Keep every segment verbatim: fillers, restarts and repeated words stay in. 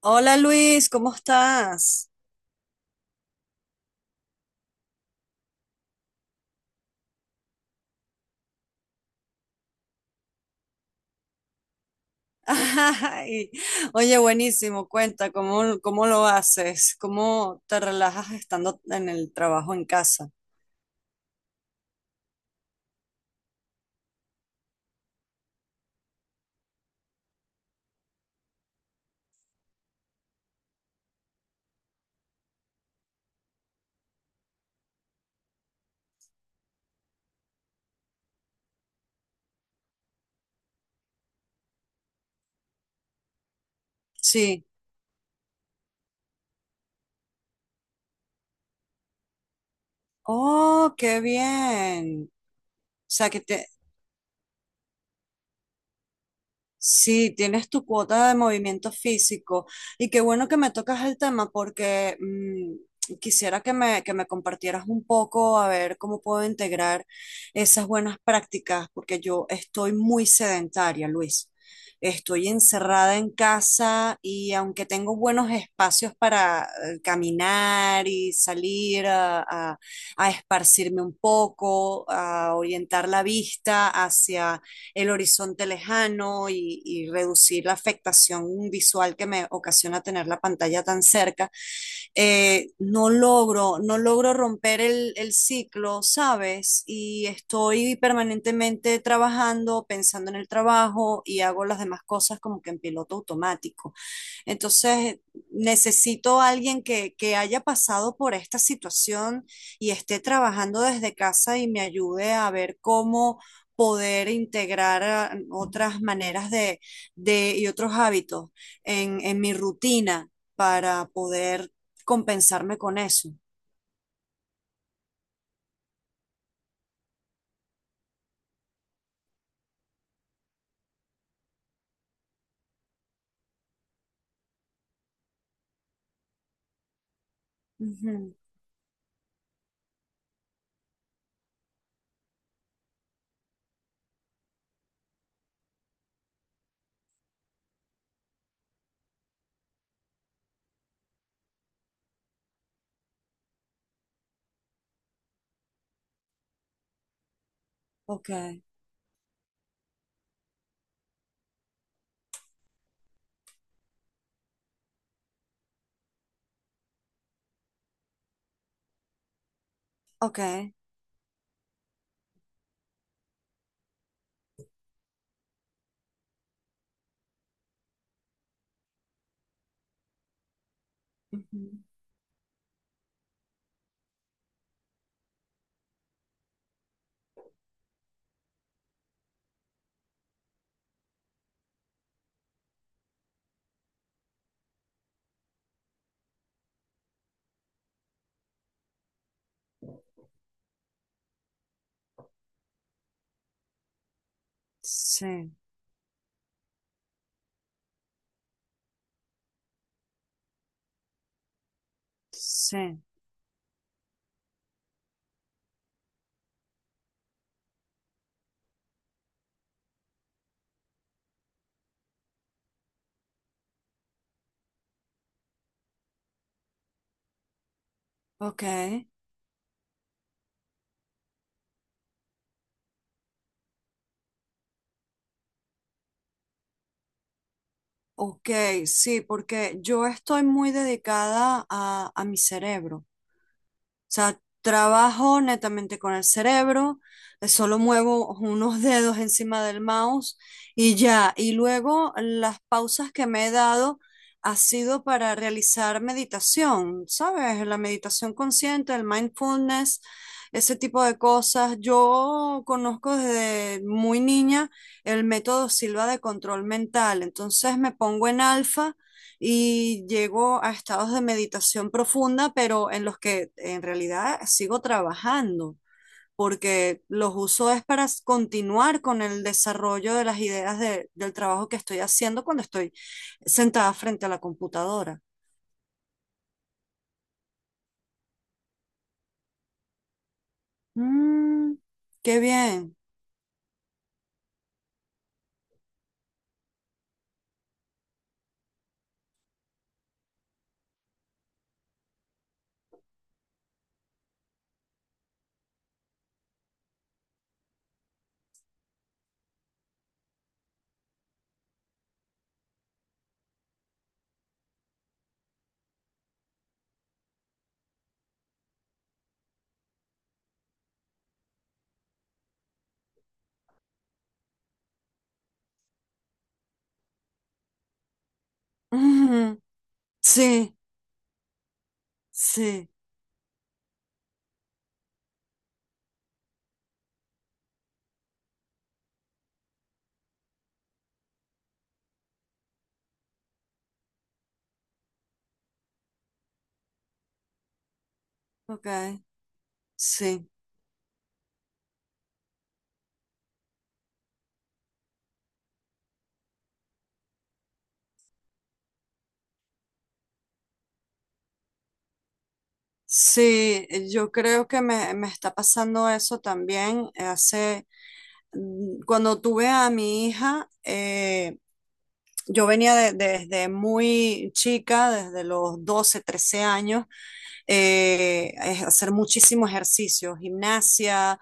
Hola Luis, ¿cómo estás? Ay, oye, buenísimo, cuenta, ¿cómo, cómo lo haces? ¿Cómo te relajas estando en el trabajo en casa? Sí. Oh, qué bien. O sea, que te, sí, tienes tu cuota de movimiento físico y qué bueno que me tocas el tema porque mm, quisiera que me, que me compartieras un poco a ver cómo puedo integrar esas buenas prácticas porque yo estoy muy sedentaria, Luis. Estoy encerrada en casa y aunque tengo buenos espacios para eh, caminar y salir a, a a esparcirme un poco, a orientar la vista hacia el horizonte lejano y, y, reducir la afectación visual que me ocasiona tener la pantalla tan cerca, eh, no logro, no logro romper el, el, ciclo, ¿sabes? Y estoy permanentemente trabajando, pensando en el trabajo y hago las demás cosas como que en piloto automático. Entonces, necesito a alguien que, que haya pasado por esta situación y esté trabajando desde casa y me ayude a ver cómo poder integrar ah, otras maneras de, de- y otros hábitos en, en mi rutina para poder compensarme con eso. Ujú. Ok, ok. Ujú. Sí, sí, ok. Ok, sí, porque yo estoy muy dedicada a, a mi cerebro. O sea, trabajo netamente con el cerebro, eh, solo muevo unos dedos encima del mouse y ya. Y luego las pausas que me he dado ha sido para realizar meditación, ¿sabes? La meditación consciente, el mindfulness, ese tipo de cosas. Yo conozco desde muy niña el método Silva de control mental, entonces me pongo en alfa y llego a estados de meditación profunda, pero en los que en realidad sigo trabajando, porque los uso es para continuar con el desarrollo de las ideas de- del trabajo que estoy haciendo cuando estoy sentada frente a la computadora. Mm, qué bien. Ujú. Sí, sí, ok, sí. Sí, yo creo que me, me, está pasando eso también. Hace mm, cuando tuve a mi hija, eh, yo venía de- desde muy chica, desde los doce, trece años, eh, es hacer muchísimo ejercicio, gimnasia,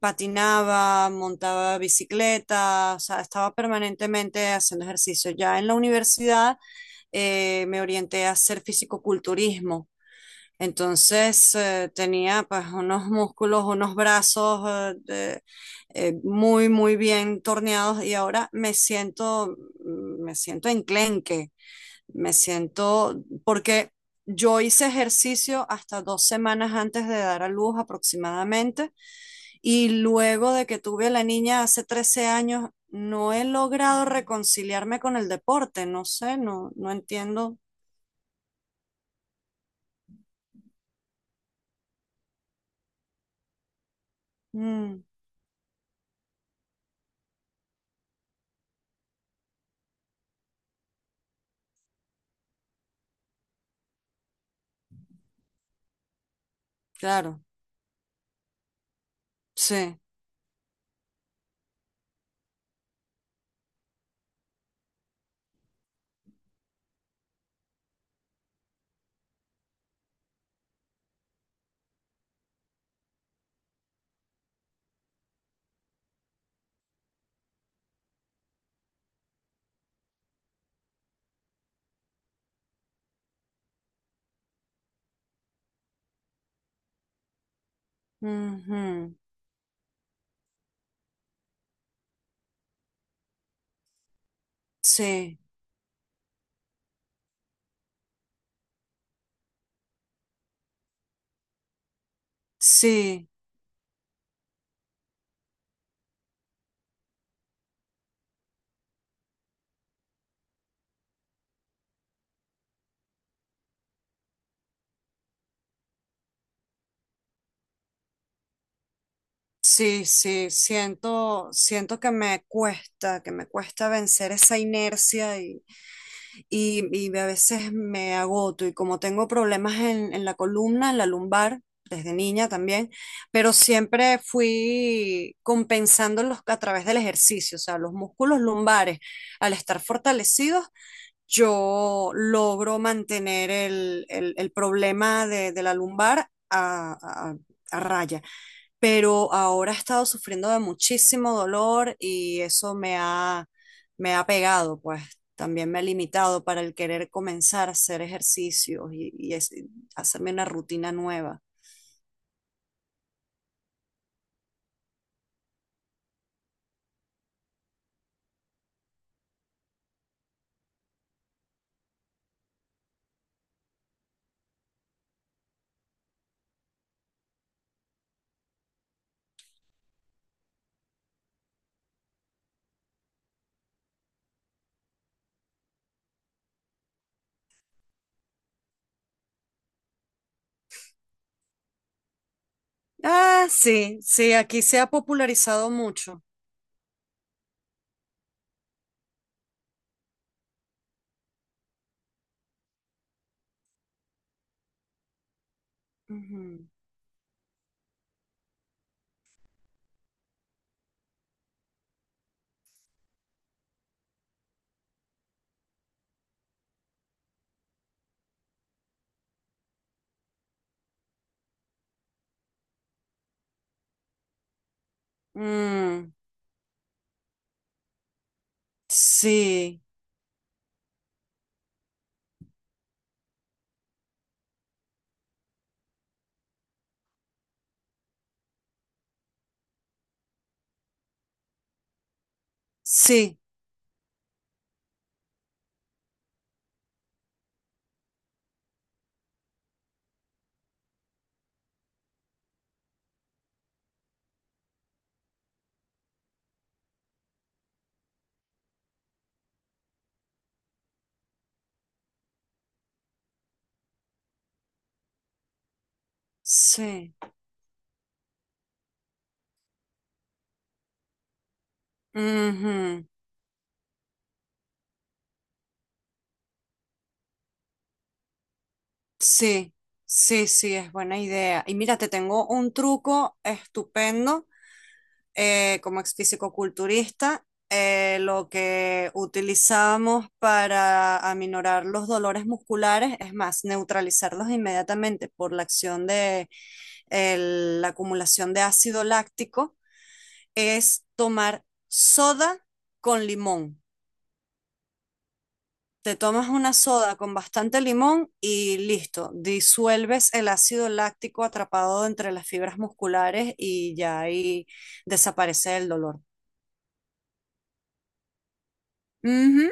patinaba, montaba bicicleta, o sea, estaba permanentemente haciendo ejercicio. Ya en la universidad eh, me orienté a hacer fisicoculturismo. Entonces eh, tenía pues unos músculos, unos brazos eh, de- eh, muy, muy bien torneados y ahora me siento, mm, me siento enclenque, me siento, porque yo hice ejercicio hasta dos semanas antes de dar a luz aproximadamente y luego de que tuve a la niña hace trece años, no he logrado reconciliarme con el deporte, no sé, no, no entiendo. Mm, claro, sí. Ujú. Sí, sí, sí, sí, siento, siento que me cuesta, que me cuesta, vencer esa inercia y, y, y a veces me agoto y como tengo problemas en, en la columna, en la lumbar, desde niña también, pero siempre fui compensándolos a través del ejercicio, o sea, los músculos lumbares al estar fortalecidos yo logro mantener el, el- el problema de, de la lumbar a, a- a raya. Pero ahora he estado sufriendo de muchísimo dolor y eso me ha, me ha, pegado, pues también me ha limitado para el querer comenzar a hacer ejercicios y, y es- hacerme una rutina nueva. Ah, sí, sí, aquí se ha popularizado mucho. Ujú. Mm, sí, sí, sí. Ujú. Sí, sí, sí, es buena idea. Y mira, te tengo un truco estupendo eh, como ex fisicoculturista. Eh, lo que utilizamos para aminorar los dolores musculares, es más, neutralizarlos inmediatamente por la acción de el- la acumulación de ácido láctico, es tomar soda con limón. Te tomas una soda con bastante limón y listo, disuelves el ácido láctico atrapado entre las fibras musculares y ya ahí desaparece el dolor. Ujú.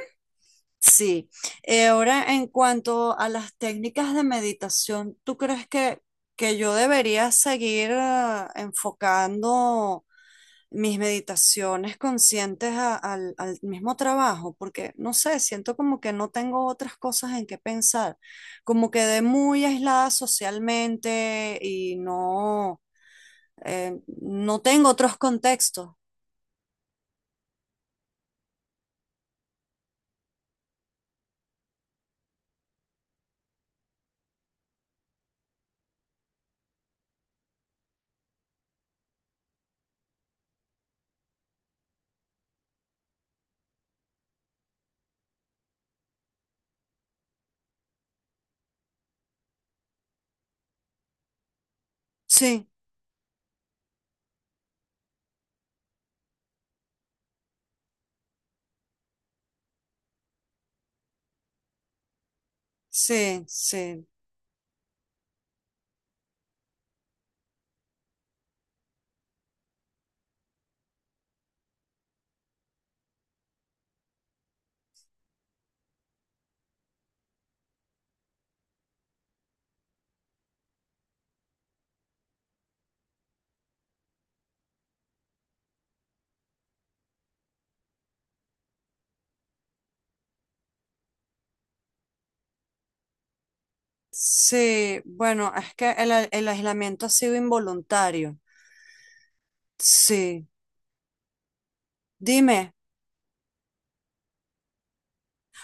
Sí. Eh, ahora, en cuanto a las técnicas de meditación, ¿tú crees que, que yo debería seguir eh, enfocando mis meditaciones conscientes a- al, al mismo trabajo? Porque no sé, siento como que no tengo otras cosas en qué pensar, como quedé muy aislada socialmente y no, eh, no tengo otros contextos. Sí, sí, sí, sí. Bueno, es que el, a- el aislamiento ha sido involuntario. Sí, dime.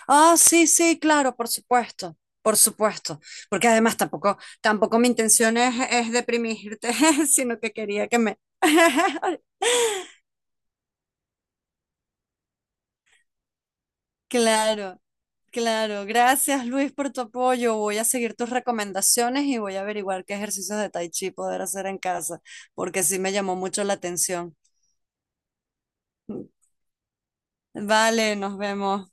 Ah, sí, sí, claro, por supuesto, por supuesto, porque además tampoco, tampoco mi intención es, es deprimirte, sino que quería que me... Claro, claro, gracias Luis por tu apoyo, voy a seguir tus recomendaciones y voy a averiguar qué ejercicios de Tai Chi poder hacer en casa, porque sí me llamó mucho la atención. Vale, nos vemos.